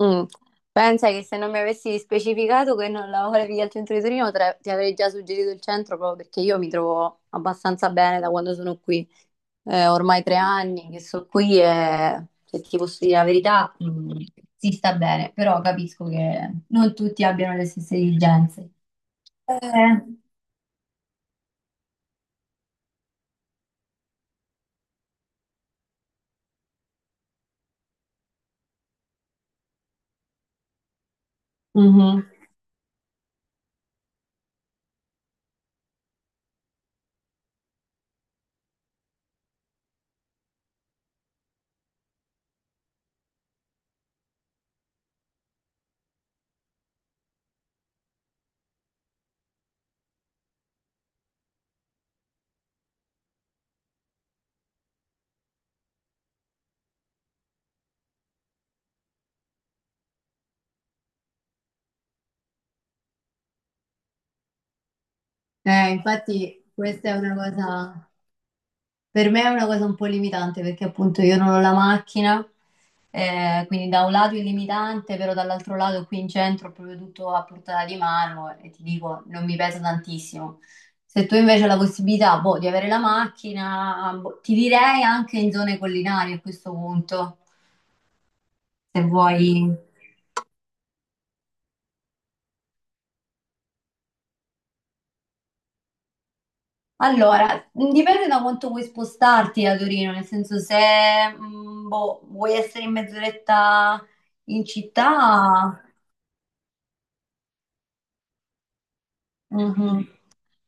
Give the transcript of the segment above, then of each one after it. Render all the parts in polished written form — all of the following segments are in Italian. Mm. Pensa che se non mi avessi specificato che non lavoravi al centro di Torino, ti avrei già suggerito il centro proprio perché io mi trovo abbastanza bene da quando sono qui. Ormai 3 anni che sono qui e se ti posso dire la verità, si sta bene, però capisco che non tutti abbiano le stesse esigenze. Eh, mhm. Infatti questa è una cosa. Per me è una cosa un po' limitante perché appunto io non ho la macchina, quindi da un lato è limitante, però dall'altro lato qui in centro ho proprio tutto a portata di mano e ti dico, non mi pesa tantissimo. Se tu invece hai la possibilità, boh, di avere la macchina, boh, ti direi anche in zone collinari a questo punto, se vuoi. Allora, dipende da quanto vuoi spostarti da Torino, nel senso se boh, vuoi essere in mezz'oretta in città. Mhm.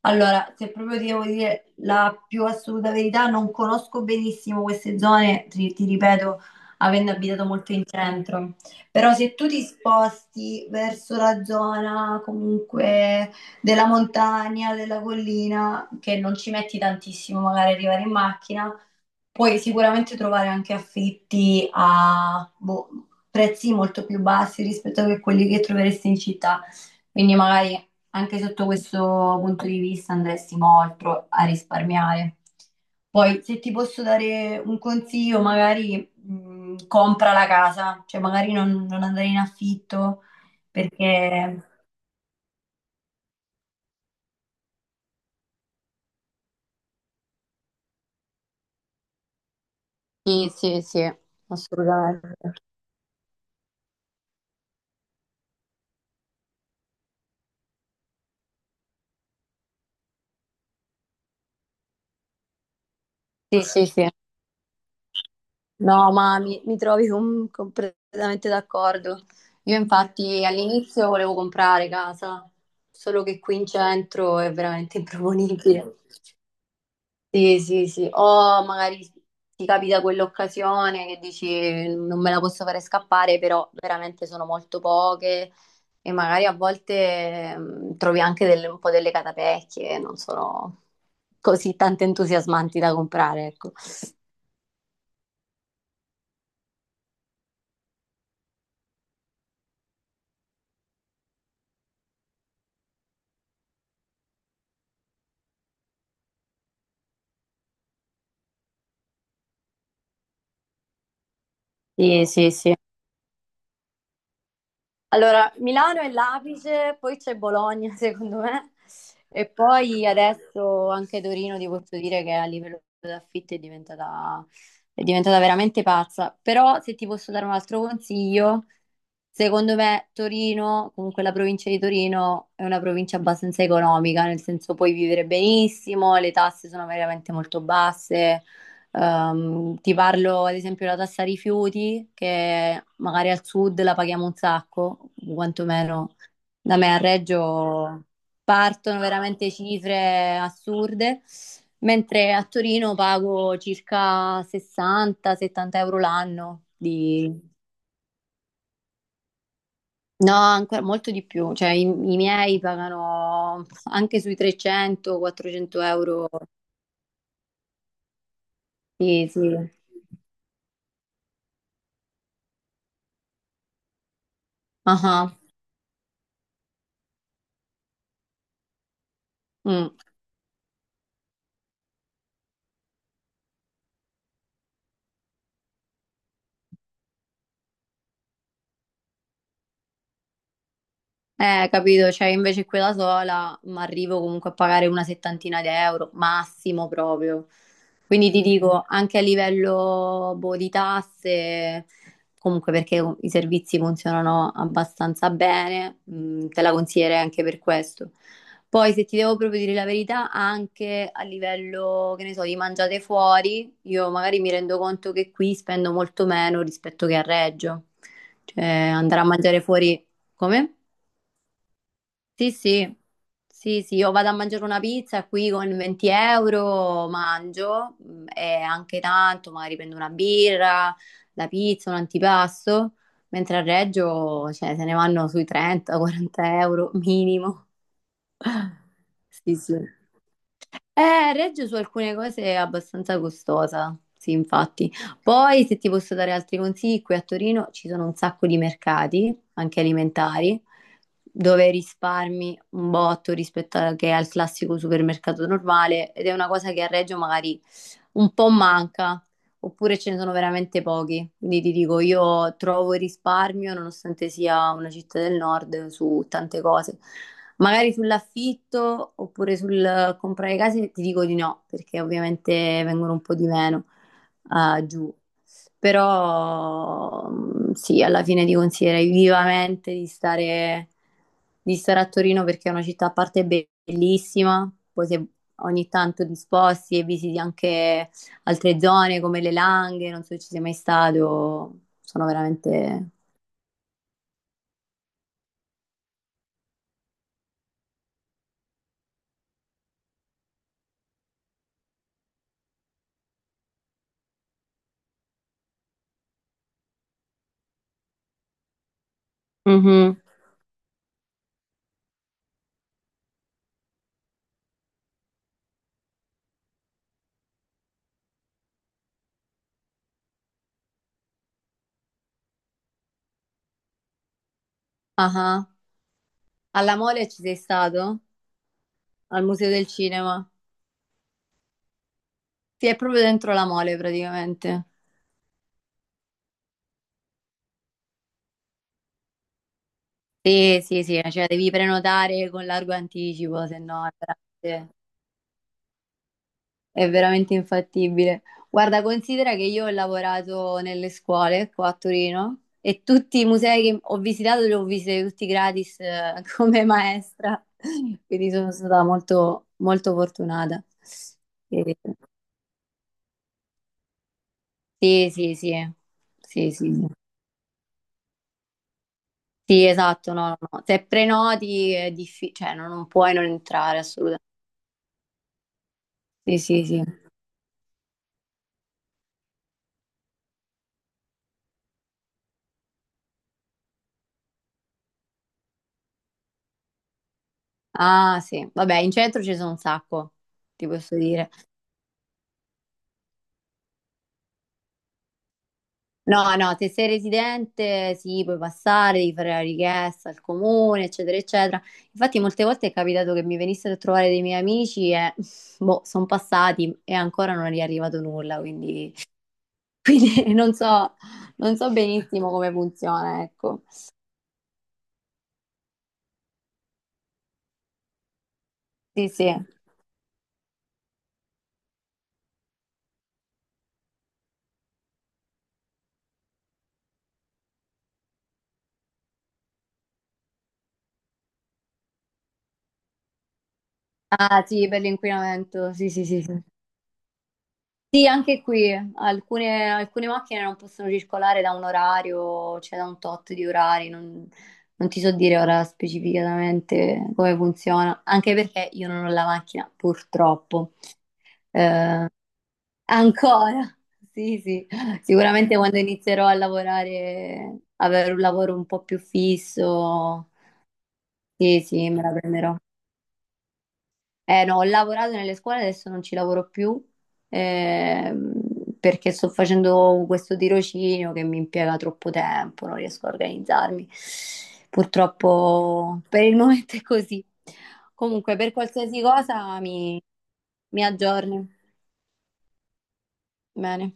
Allora, se proprio ti devo dire la più assoluta verità, non conosco benissimo queste zone, ti ripeto, avendo abitato molto in centro. Però se tu ti sposti verso la zona comunque della montagna, della collina, che non ci metti tantissimo magari arrivare in macchina, puoi sicuramente trovare anche affitti a boh, prezzi molto più bassi rispetto a quelli che troveresti in città, quindi magari anche sotto questo punto di vista andresti molto a risparmiare. Poi, se ti posso dare un consiglio, magari compra la casa, cioè magari non, non andare in affitto perché. Sì, sì, sì, assolutamente. Sì, sì, sì. No, ma mi trovi completamente d'accordo. Io infatti all'inizio volevo comprare casa, solo che qui in centro è veramente improponibile. Sì, sì, sì. O magari ti capita quell'occasione che dici non me la posso fare scappare, però veramente sono molto poche e magari a volte trovi anche un po' delle catapecchie, non sono così tanto entusiasmanti da comprare, ecco. Sì, sì, sì. Allora, Milano e l'Apice, poi c'è Bologna, secondo me, e poi adesso anche Torino ti posso dire che a livello di affitti è diventata veramente pazza. Però se ti posso dare un altro consiglio, secondo me Torino, comunque la provincia di Torino, è una provincia abbastanza economica, nel senso puoi vivere benissimo, le tasse sono veramente molto basse. Ti parlo ad esempio della tassa rifiuti, che magari al sud la paghiamo un sacco, quantomeno da me a Reggio partono veramente cifre assurde, mentre a Torino pago circa 60-70 euro l'anno di. No, ancora molto di più, cioè i miei pagano anche sui 300-400 euro. Sì, sì. Ah, ah. Mm. Capito, cioè invece quella sola ma arrivo comunque a pagare una settantina di euro, massimo proprio. Quindi ti dico, anche a livello boh, di tasse, comunque perché i servizi funzionano abbastanza bene, te la consiglierei anche per questo. Poi se ti devo proprio dire la verità, anche a livello, che ne so, di mangiate fuori, io magari mi rendo conto che qui spendo molto meno rispetto che a Reggio. Cioè andare a mangiare fuori come? Sì, sì, sì, sì, io vado a mangiare una pizza qui con 20 euro, mangio e anche tanto, magari prendo una birra, la pizza, un antipasto, mentre a Reggio, cioè, se ne vanno sui 30-40 euro minimo. Sì, sì. Reggio su alcune cose è abbastanza costosa, sì, infatti. Poi, se ti posso dare altri consigli, qui a Torino ci sono un sacco di mercati, anche alimentari, dove risparmi un botto rispetto che al classico supermercato normale ed è una cosa che a Reggio magari un po' manca oppure ce ne sono veramente pochi. Quindi ti dico, io trovo il risparmio, nonostante sia una città del nord, su tante cose. Magari sull'affitto oppure sul comprare case ti dico di no, perché ovviamente vengono un po' di meno ah, giù. Però sì, alla fine ti consiglierei vivamente di stare a Torino perché è una città a parte bellissima, poi se ogni tanto disposti e visiti anche altre zone come le Langhe, non so se ci sei mai stato, sono veramente. Mhm. Ah, alla Mole ci sei stato? Al Museo del Cinema? Sì, è proprio dentro la Mole praticamente. Sì, sì, sì, cioè devi prenotare con largo anticipo, se no veramente- è veramente infattibile. Guarda, considera che io ho lavorato nelle scuole qua a Torino e tutti i musei che ho visitato li ho visitati tutti gratis come maestra, quindi sono stata molto, molto fortunata. E- Sì, sì, sì, sì, sì, sì. Sì, esatto, no, no, no. Se prenoti è difficile, cioè no, non puoi non entrare assolutamente. Sì, sì, sì. Ah, sì. Vabbè, in centro ci sono un sacco, ti posso dire. No, no, se sei residente sì, puoi passare, devi fare la richiesta al comune, eccetera, eccetera. Infatti molte volte è capitato che mi venissero a trovare dei miei amici e boh, sono passati e ancora non è arrivato nulla, quindi, quindi non so, non so benissimo come funziona, ecco. Sì, sì. Ah, sì, per l'inquinamento, sì, sì, sì, sì. Sì, anche qui alcune macchine non possono circolare da un orario, cioè da un tot di orari, non ti so dire ora specificatamente come funziona, anche perché io non ho la macchina, purtroppo. Eh, Ancora, sì, sì, sicuramente quando inizierò a lavorare, avere un lavoro un po' più fisso, sì, sì, me la prenderò. Eh no, ho lavorato nelle scuole, adesso non ci lavoro più ehm, perché sto facendo questo tirocinio che mi impiega troppo tempo, non riesco a organizzarmi. Purtroppo per il momento è così. Comunque, per qualsiasi cosa mi aggiorni. Bene.